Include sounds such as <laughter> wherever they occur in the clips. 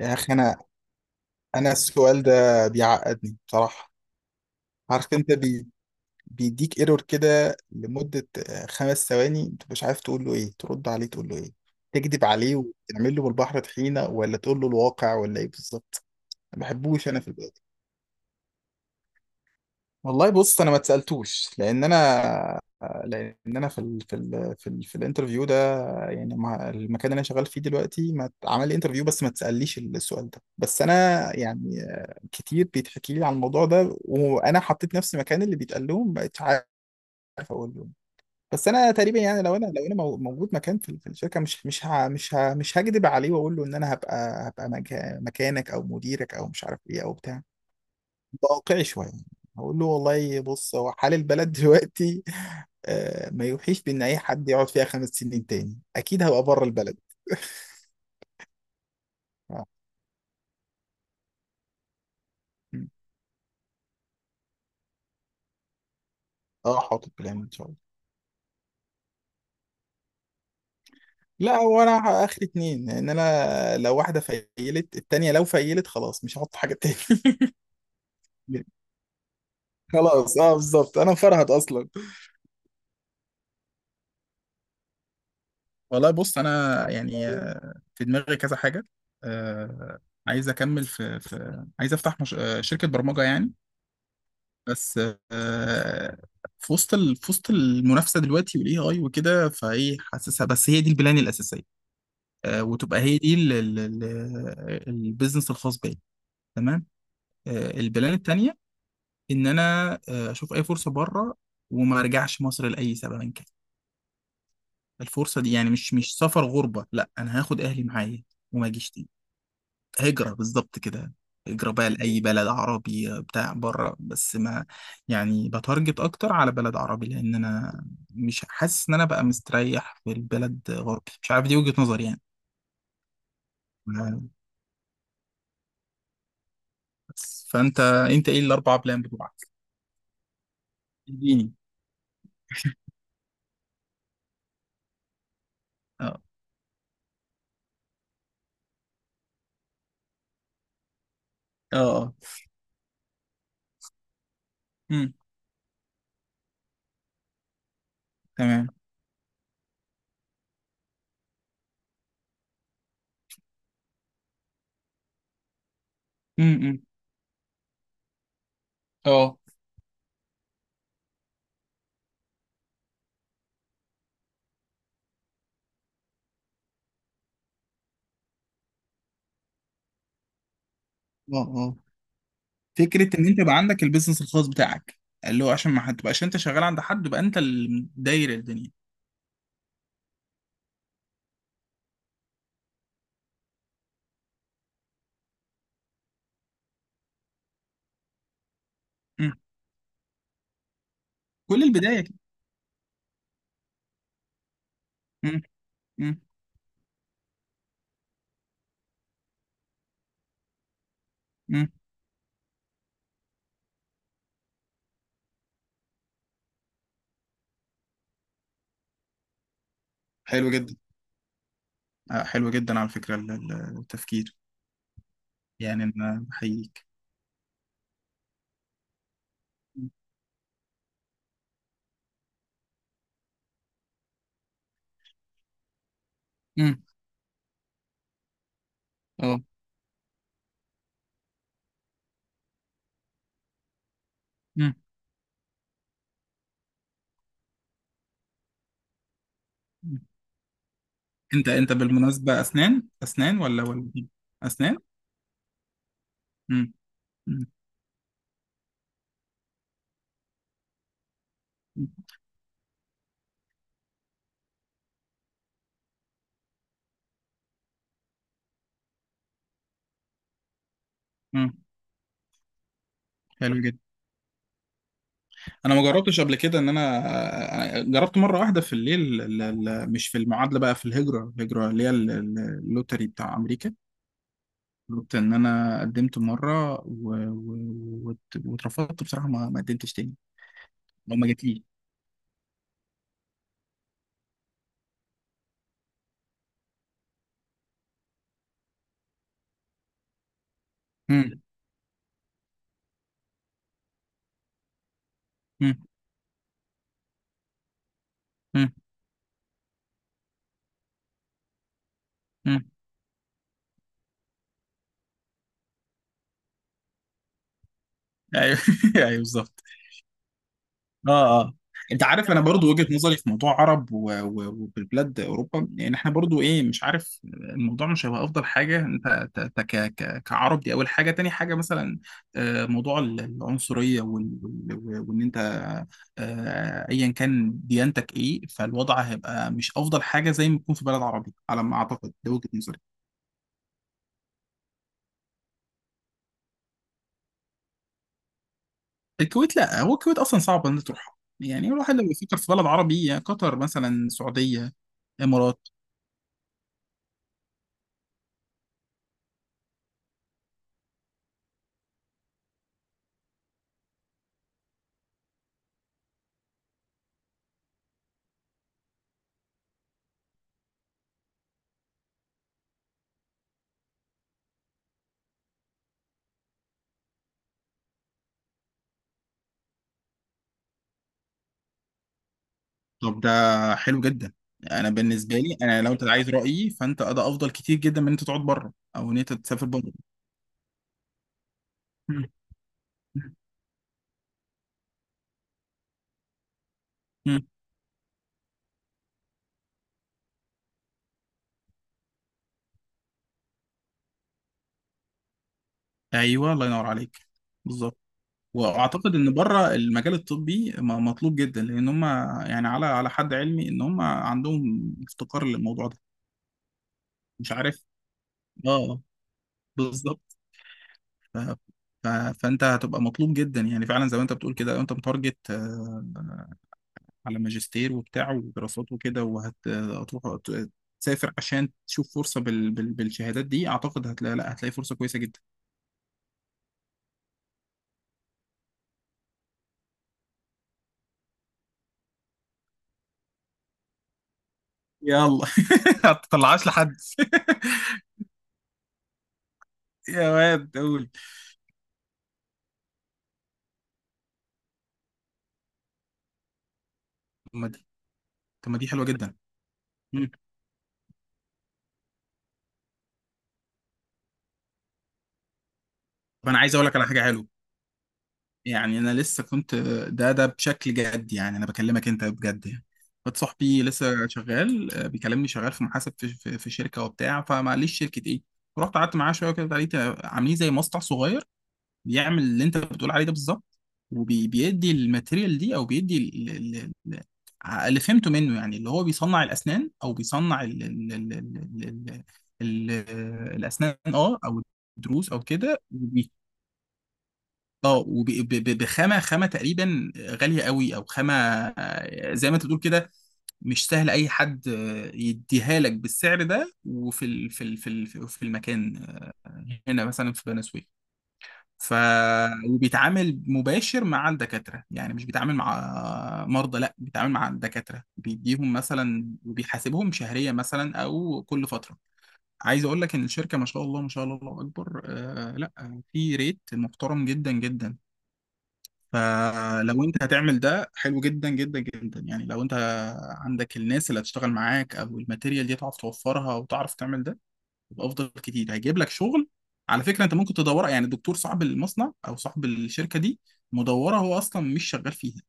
يا اخي انا السؤال ده بيعقدني بصراحه. عارف انت بيديك ايرور كده لمده خمس ثواني. انت مش عارف تقول له ايه، ترد عليه تقول له ايه، تكذب عليه وتعمل له بالبحر طحينه ولا تقول له الواقع ولا ايه بالظبط. ما بحبوش انا في. والله بص، انا ما اتسالتوش لان انا في ال في ال في, ال في الانترفيو ده. يعني ما المكان اللي انا شغال فيه دلوقتي ما عمل لي انترفيو، بس ما تساليش السؤال ده. بس انا يعني كتير بيتحكي لي عن الموضوع ده، وانا حطيت نفسي مكان اللي بيتقال لهم ما بقتش عارف اقول لهم. بس انا تقريبا يعني لو انا موجود مكان في الشركه، مش هكدب عليه واقول له ان انا هبقى مكانك او مديرك او مش عارف ايه او بتاع. واقعي شويه، اقول له والله بص، هو حال البلد <laughs> دلوقتي ما يوحيش بان اي حد يقعد فيها خمس سنين تاني. اكيد هبقى بره البلد. اه. م. حاطط بلان ان شاء الله. لا، هو انا اخر اتنين، ان انا لو واحده فيلت التانيه لو فيلت خلاص مش هحط حاجه تاني. <laughs> خلاص، اه بالظبط، انا مفرهد اصلا. والله بص، انا يعني في دماغي كذا حاجه. آه، عايز اكمل في عايز افتح مش... آه، شركه برمجه يعني. بس آه، في وسط المنافسه دلوقتي والاي اي وكده، فايه حاسسها. بس هي دي البلان الاساسيه، وتبقى هي دي البيزنس الخاص بيا. تمام. البلان التانيه ان انا اشوف اي فرصه بره وما ارجعش مصر لاي سبب كان. الفرصه دي يعني مش سفر غربه، لا، انا هاخد اهلي معايا وما اجيش تاني. هجرة بالظبط كده، هجرة بقى لأي بلد عربي بتاع بره. بس ما يعني، بتارجت أكتر على بلد عربي لأن أنا مش حاسس إن أنا بقى مستريح في البلد غربي. مش عارف، دي وجهة نظري يعني. بس فأنت إيه الأربع بلان بتوعك؟ اديني. اه، اه، امم، تمام، امم، اه، اه، اه. فكره ان انت يبقى عندك البيزنس الخاص بتاعك، اللي هو عشان ما هتبقاش انت شغال عند حد، يبقى انت اللي داير الدنيا. امم، كل البدايه كده. امم، حلو جدا. حلو جدا على فكرة التفكير. يعني أنا بحييك. امم، اه، امم. أنت بالمناسبة، أسنان أسنان ولا إيه؟ أسنان. امم، امم. حلو جدا. أنا ما جربتش قبل كده إن أنا جربت مرة واحدة في الليل مش في المعادلة بقى، في الهجرة اللي هي اللوتري بتاع أمريكا. جربت إن أنا قدمت مرة واترفضت بصراحة. ما قدمتش تاني أو ما جاتليش. امم، امم، ايوه <laughs> ايوه بالظبط. اه، اه. انت عارف انا برضو وجهة نظري في موضوع عرب وبلاد اوروبا، يعني احنا برضو ايه، مش عارف. الموضوع مش هيبقى افضل حاجه انت كعرب. دي اول حاجه. تاني حاجه مثلا موضوع العنصريه وان انت ايا كان ديانتك ايه، فالوضع هيبقى مش افضل حاجه زي ما يكون في بلد عربي على ما اعتقد، ده وجهة نظري. الكويت، لا هو الكويت اصلا صعب ان تروحها. يعني الواحد لو يفكر في بلد عربي يا قطر مثلا، سعوديه، امارات. طب ده حلو جدا. انا بالنسبه لي، انا لو انت عايز رايي فانت ده افضل كتير جدا من ان انت تقعد بره او ان انت تسافر بره. مم. مم. ايوه، الله ينور عليك. بالظبط. واعتقد ان بره المجال الطبي مطلوب جدا، لان هم يعني على على حد علمي ان هم عندهم افتقار للموضوع ده. مش عارف. اه. بالظبط. ف... ف... فانت هتبقى مطلوب جدا، يعني فعلا زي ما انت بتقول كده. لو انت متارجت على ماجستير وبتاع ودراسات وكده، وهتروح تسافر عشان تشوف فرصه بالشهادات دي، اعتقد هتلاقي. لا، هتلاقي فرصه كويسه جدا. يلا. <laughs> هتطلعهاش لحد. <laughs> يا واد قول. طب ما دي طب ما دي حلوه جدا. مم. طب انا عايز اقول لك على حاجه حلوه. يعني انا لسه كنت، ده بشكل جد، يعني انا بكلمك انت بجد يعني. واحد صاحبي لسه شغال بيكلمني، شغال في محاسب في شركه وبتاع. فمعليش شركه ايه؟ رحت قعدت معاه شويه كده، لقيت عاملين زي مصنع صغير بيعمل اللي انت بتقول عليه ده بالظبط. وبيدي الماتيريال دي او بيدي ال- ال- اللي فهمته منه، يعني اللي هو بيصنع الاسنان او بيصنع ال الاسنان اه، او الضروس او كده. اه، وبخامه، خامه تقريبا غاليه قوي او خامه زي ما انت بتقول كده. مش سهل اي حد يديها لك بالسعر ده، وفي ال في ال في ال في المكان هنا مثلا في بني سويف. ف وبيتعامل مباشر مع الدكاتره، يعني مش بيتعامل مع مرضى، لا بيتعامل مع الدكاتره، بيديهم مثلا وبيحاسبهم شهريا مثلا او كل فتره. عايز اقول لك ان الشركه ما شاء الله، ما شاء الله، الله اكبر، آه، لا في ريت محترم جدا جدا. فلو انت هتعمل ده حلو جدا جدا جدا يعني. لو انت عندك الناس اللي هتشتغل معاك او الماتيريال دي تعرف توفرها وتعرف تعمل ده، يبقى افضل كتير، هيجيب لك شغل. على فكره انت ممكن تدورها، يعني الدكتور صاحب المصنع او صاحب الشركه دي مدوره هو اصلا مش شغال فيها.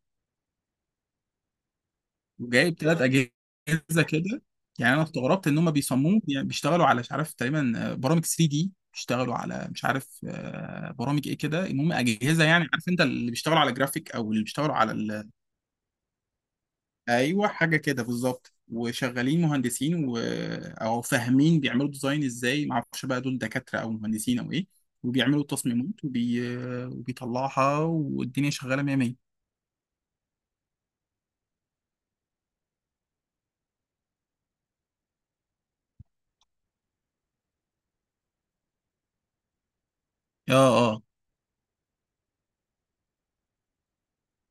وجايب ثلاث اجهزه كده. يعني انا استغربت ان هم بيصمموا، يعني بيشتغلوا على مش عارف تقريبا برامج 3 دي، بيشتغلوا على مش عارف برامج ايه كده. المهم اجهزه يعني، عارف انت اللي بيشتغلوا على جرافيك او اللي بيشتغلوا على ايوه، حاجه كده بالظبط، وشغالين مهندسين او فاهمين بيعملوا ديزاين ازاي. ما اعرفش بقى دول دكاتره او مهندسين او ايه. وبيعملوا التصميمات وبيطلعها، والدنيا شغاله 100 100. اه، اه.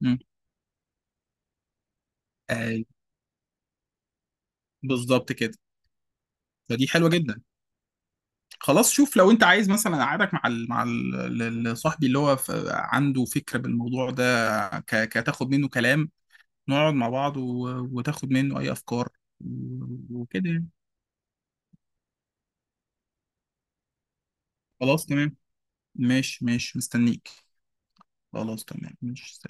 مم. اي، بالظبط كده. فدي حلوه جدا. خلاص شوف، لو انت عايز مثلا اقعدك مع صاحبي اللي هو عنده فكره بالموضوع ده، كتاخد منه كلام، نقعد مع بعض وتاخد منه اي افكار و... وكده يعني. خلاص تمام، ماشي ماشي مستنيك. خلاص تمام، ماشي.